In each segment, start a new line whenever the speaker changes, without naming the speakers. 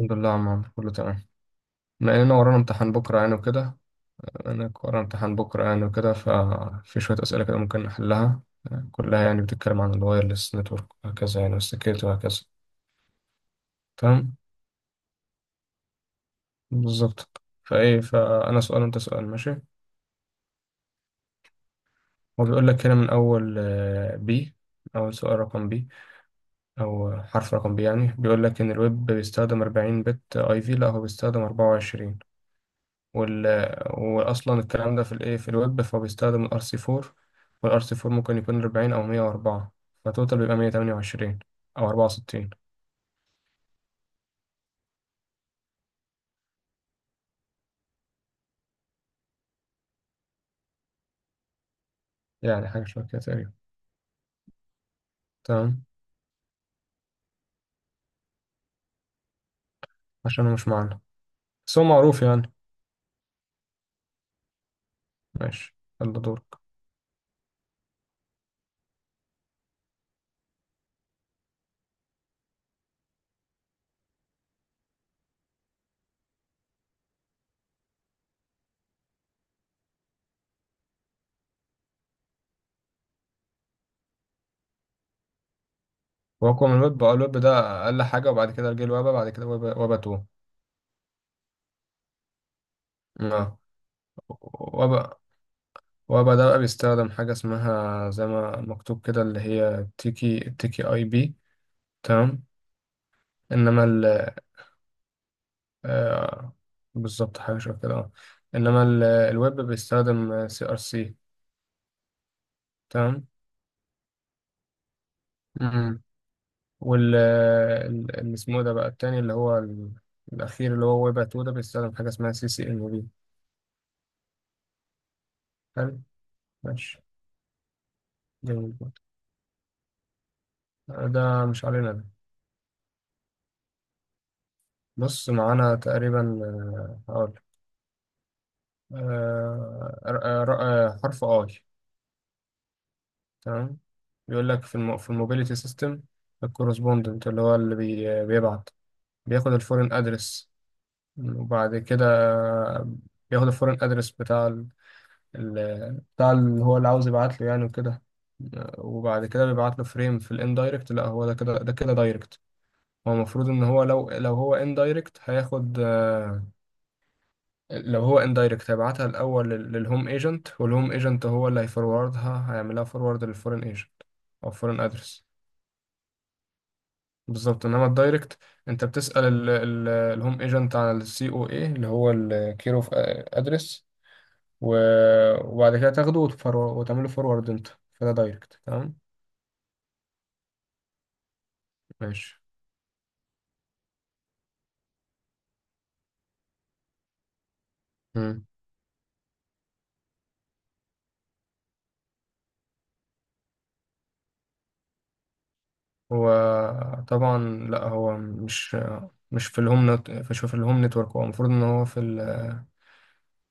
الحمد لله يا عم عمرو، كله تمام. لأن أنا ورانا امتحان بكرة يعني وكده أنا ورانا امتحان بكرة يعني وكده. ففي شوية أسئلة كده ممكن نحلها. آه، كلها يعني بتتكلم عن الوايرلس نتورك وهكذا يعني والسكيورتي وهكذا. تمام. بالظبط. فإيه فأنا سؤال وأنت سؤال. ماشي. هو بيقول لك هنا من أول بي أول سؤال رقم بي، أو حرف رقم بي، يعني بيقول لك إن الويب بيستخدم 40 بت أي في، لا هو بيستخدم 24. وال... واصلا الكلام ده في الايه، في الويب، فهو بيستخدم الار سي 4، والار سي 4 ممكن يكون 40 او 104، فتوتال بيبقى 128 او 64. يعني حاجه شبه كده تقريبا. تمام. عشان هو مش معانا، بس هو معروف يعني. ماشي. يلا دورك. واقوى من الويب. اه، الويب ده اقل حاجه، وبعد كده جه الويب، بعد كده ويب 2. اه، ويب ويب ده بقى بيستخدم حاجه اسمها زي ما مكتوب كده، اللي هي تيكي تيكي اي بي. تمام. انما. آه، بالظبط، حاجة شبه كده اه. إنما الويب بيستخدم سي ار سي. تمام. امم اللي اسمه ده بقى التاني، اللي هو الأخير، اللي هو ويب 2 ده، بيستخدم حاجة اسمها سي سي إن بي. حلو. ماشي. جميل برضه. ده مش علينا ده. بص، معانا تقريبا. آه، هقول آه، ر- آه، ر- آه، حرف اي. تمام. بيقول لك في الموبيليتي سيستم، الكورسبوندنت اللي هو اللي بيبعت، بياخد الفورين ادرس. وبعد كده بياخد الفورين ادرس بتاع اللي هو اللي عاوز يبعت له يعني وكده. وبعد كده بيبعت له فريم في الاندايركت. لا، هو ده كده، ده كده دايركت. هو المفروض ان هو لو هو اندايركت هياخد، آه، لو هو اندايركت هيبعتها الاول للهوم ايجنت، والهوم ايجنت هو اللي هيفوروردها، هيعملها فورورد للفورين ايجنت او فورين ادرس. بالظبط. انما الدايركت، انت بتسأل الهوم ايجنت عن السي او اي، اللي هو الكير اوف ادرس، و... وبعد كده تاخده وتعمله فورورد انت، كده دايركت. تمام. ماشي. مم. هو طبعا، لا هو مش، مش في الهوم نتورك. هو المفروض ان هو في ال...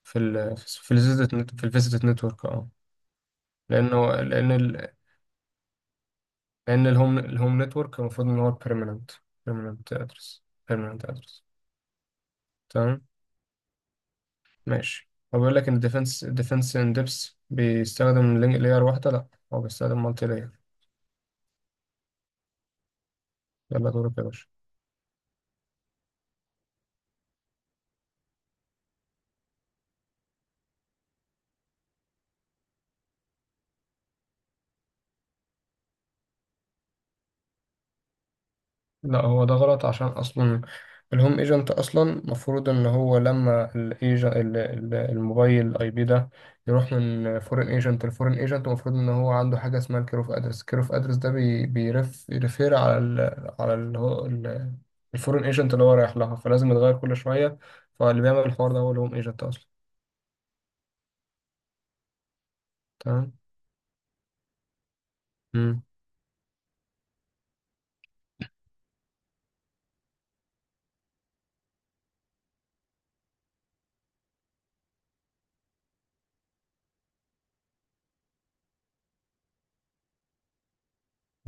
في ال... في الفيزيت نتورك، اه. لانه الهوم نتورك المفروض ان هو بيرمننت، بيرمننت ادرس بيرمننت ادرس. تمام. ماشي. هو بيقول لك ان ديفنس ان ديبس بيستخدم لينك لاير واحده. لا، هو بيستخدم مالتي لاير. يلا دورك يا باشا. لا، هو ده غلط، عشان اصلا الهوم ايجنت اصلا المفروض ان هو لما الموبايل اي بي ده يروح من فورين ايجنت لفورين ايجنت، المفروض ان هو عنده حاجه اسمها الكير اوف ادرس. الكير اوف ادرس ده بيرف يرفير على ال، على ال هو ال- الفورين ايجنت اللي هو رايح لها، فلازم يتغير كل شويه. فاللي بيعمل الحوار ده هو الهوم ايجنت اصلا. تمام. مم.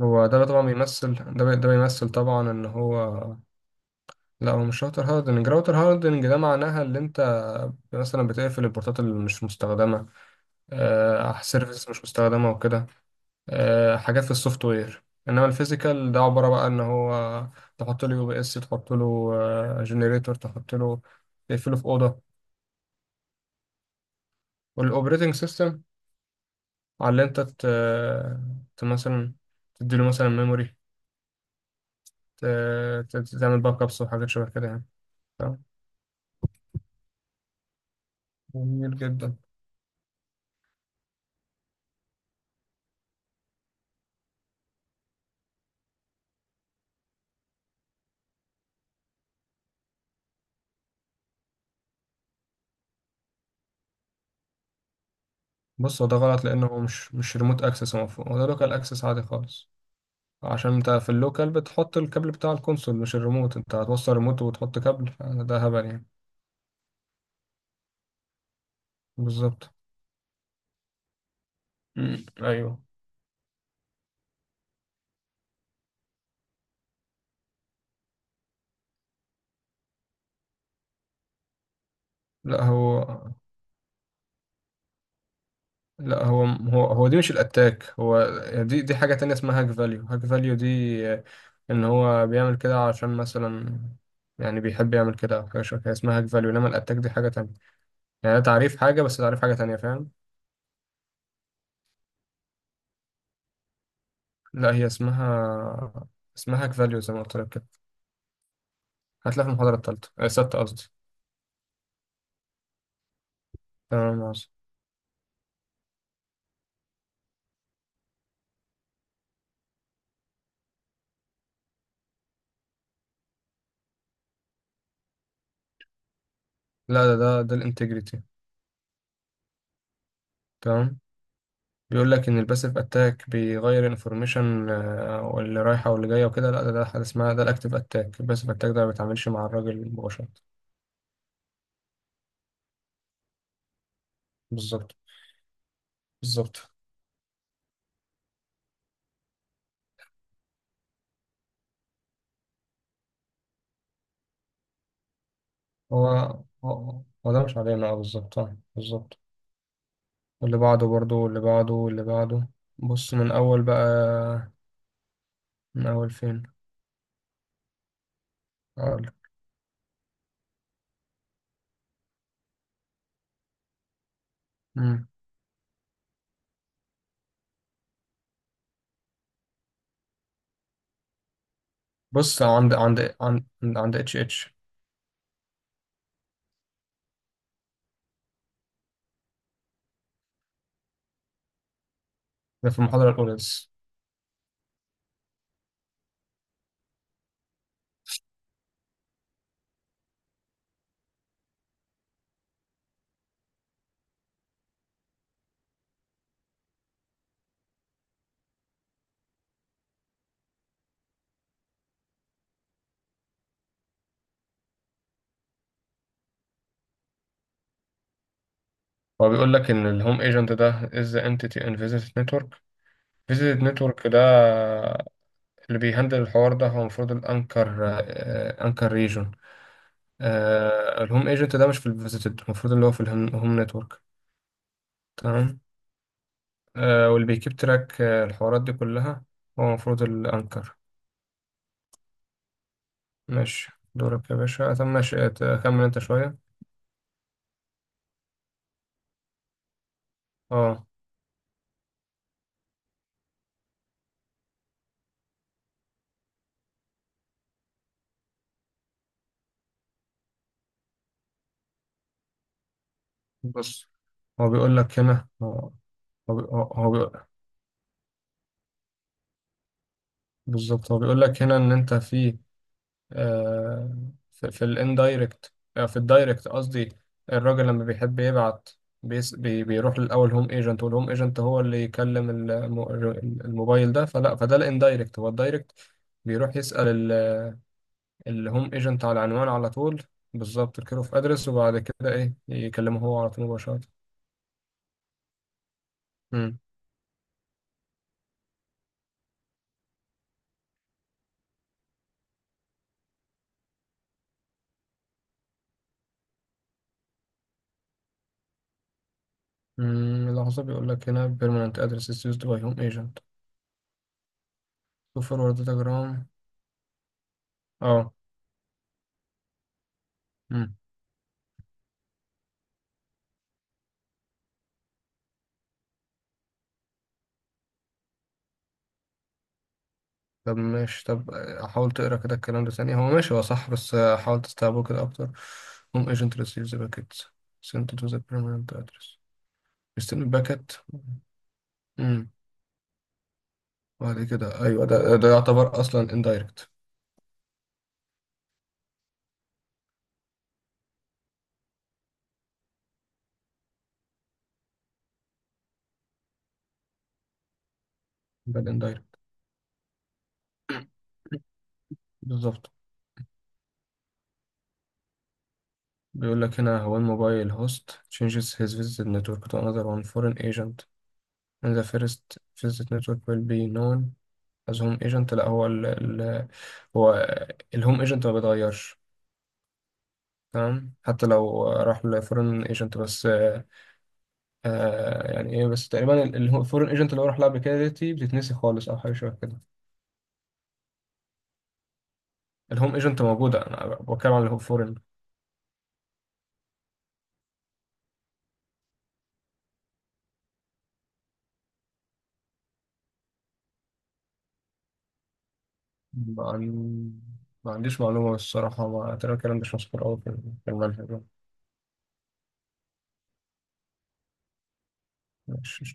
هو ده طبعا بيمثل، ده بيمثل طبعا ان هو. لا، هو مش راوتر هاردنج. راوتر هاردنج ده معناها اللي انت مثلا بتقفل البورتات اللي مش مستخدمة، آه، سيرفيس مش مستخدمة وكده، آه، حاجات في السوفت وير. انما الفيزيكال ده عبارة بقى ان هو تحط له يو بي اس، تحط له جنريتور، تحط له تقفله في أوضة، والاوبريتنج سيستم. على اللي انت مثلا تديله مثلا ميموري، ت... تعمل باك ابس وحاجات شبه كده يعني. تمام. جميل جدا. بص، هو ده غلط، لانه هو مش ريموت اكسس، هو ده لوكال اكسس عادي خالص. عشان انت في اللوكال بتحط الكابل بتاع الكونسول مش الريموت. انت هتوصل ريموت وتحط كابل؟ ده هبل يعني. بالظبط. امم، ايوه. لا هو لا، هو دي مش الاتاك. هو دي حاجة تانية اسمها هاك فاليو. هاك فاليو دي ان هو بيعمل كده عشان مثلا، يعني بيحب يعمل كده، او حاجة شبه كده اسمها هاك فاليو. انما الاتاك دي حاجة تانية. يعني ده تعريف حاجة، بس تعريف حاجة تانية. فاهم؟ لا، هي اسمها، اسمها هاك فاليو زي ما قلت لك كده. هتلاقي في المحاضرة التالتة، آه، الستة قصدي. تمام يا عاصم. لا، ده الانتجريتي. تمام. بيقول لك ان الباسيف اتاك بيغير انفورميشن واللي رايحه واللي جايه وكده. لا، ده ده حاجه اسمها، ده الاكتيف اتاك. الباسيف اتاك ده ما بيتعاملش مع الراجل مباشره. بالظبط. بالظبط. هو هو ده مش علينا. اه بالظبط، اه بالظبط. واللي بعده برضه، واللي بعده، واللي بعده. بص من اول بقى، من اول فين. اقول. مم. بص عند عند اتش اتش. ده في المحاضره الاولى لسه. هو بيقول لك إن الهوم ايجنت ده is the entity in visit network. فيزيت نتورك ده اللي بيهندل الحوار ده، هو المفروض الانكر، آه، انكر ريجون. آه، الهوم ايجنت ده مش في الفيزيتد، المفروض اللي هو في هوم نتورك. تمام. آه، واللي بيكيب تراك، آه، الحوارات دي كلها، هو المفروض الانكر. ماشي، دورك يا باشا. طب ماشي، كمل انت شوية. اه. بص، هو بيقول لك هنا هو. هو بي- هو- هو بي- بالظبط، هو بيقول لك هنا ان انت في، آه، في الاندايركت آه، في الدايركت قصدي. الراجل لما بيحب يبعت، بيس بي بيروح للاول هوم ايجنت، والهوم ايجنت هو اللي يكلم الموبايل ده. فلا، فده الاندايركت، هو الدايركت، بيروح يسأل الهوم ايجنت على العنوان على طول. بالظبط، الكير اوف ادرس، وبعد كده ايه، يكلمه هو على طول مباشرة. مم. مم، لحظة. بيقول لك هنا بيرمننت ادرس is used by home agent to forward the telegram. اه. طب ماشي، طب حاول تقرا كده الكلام ده ثاني. هو ماشي، هو صح، بس حاول تستوعبه كده اكتر. هوم ايجنت ريسيفز باكيت سنت تو ذا بيرمننت ادرس، بيستلم الباكت. امم، بعد كده، ايوه، ده ده يعتبر اصلا اندايركت. ده الاندايركت. بالظبط. بيقول لك هنا هو الموبايل هوست changes his visit network to another one foreign agent and the first visit network will be known as home agent. لا هو ال ال هو الهوم agent ما بيتغيرش. تمام، حتى لو راح لفورين ايجنت بس آه. آه، يعني ايه بس، تقريبا الفورين ايجنت اللي هو راح لها قبل كده دي بتتنسي خالص او حاجه شبه كده. الهوم ايجنت موجوده، انا بتكلم عن الفورين. ما, عن... ما عنديش معلومه الصراحه، ما ترى الكلام ده مش مذكور قوي في المنهج. مش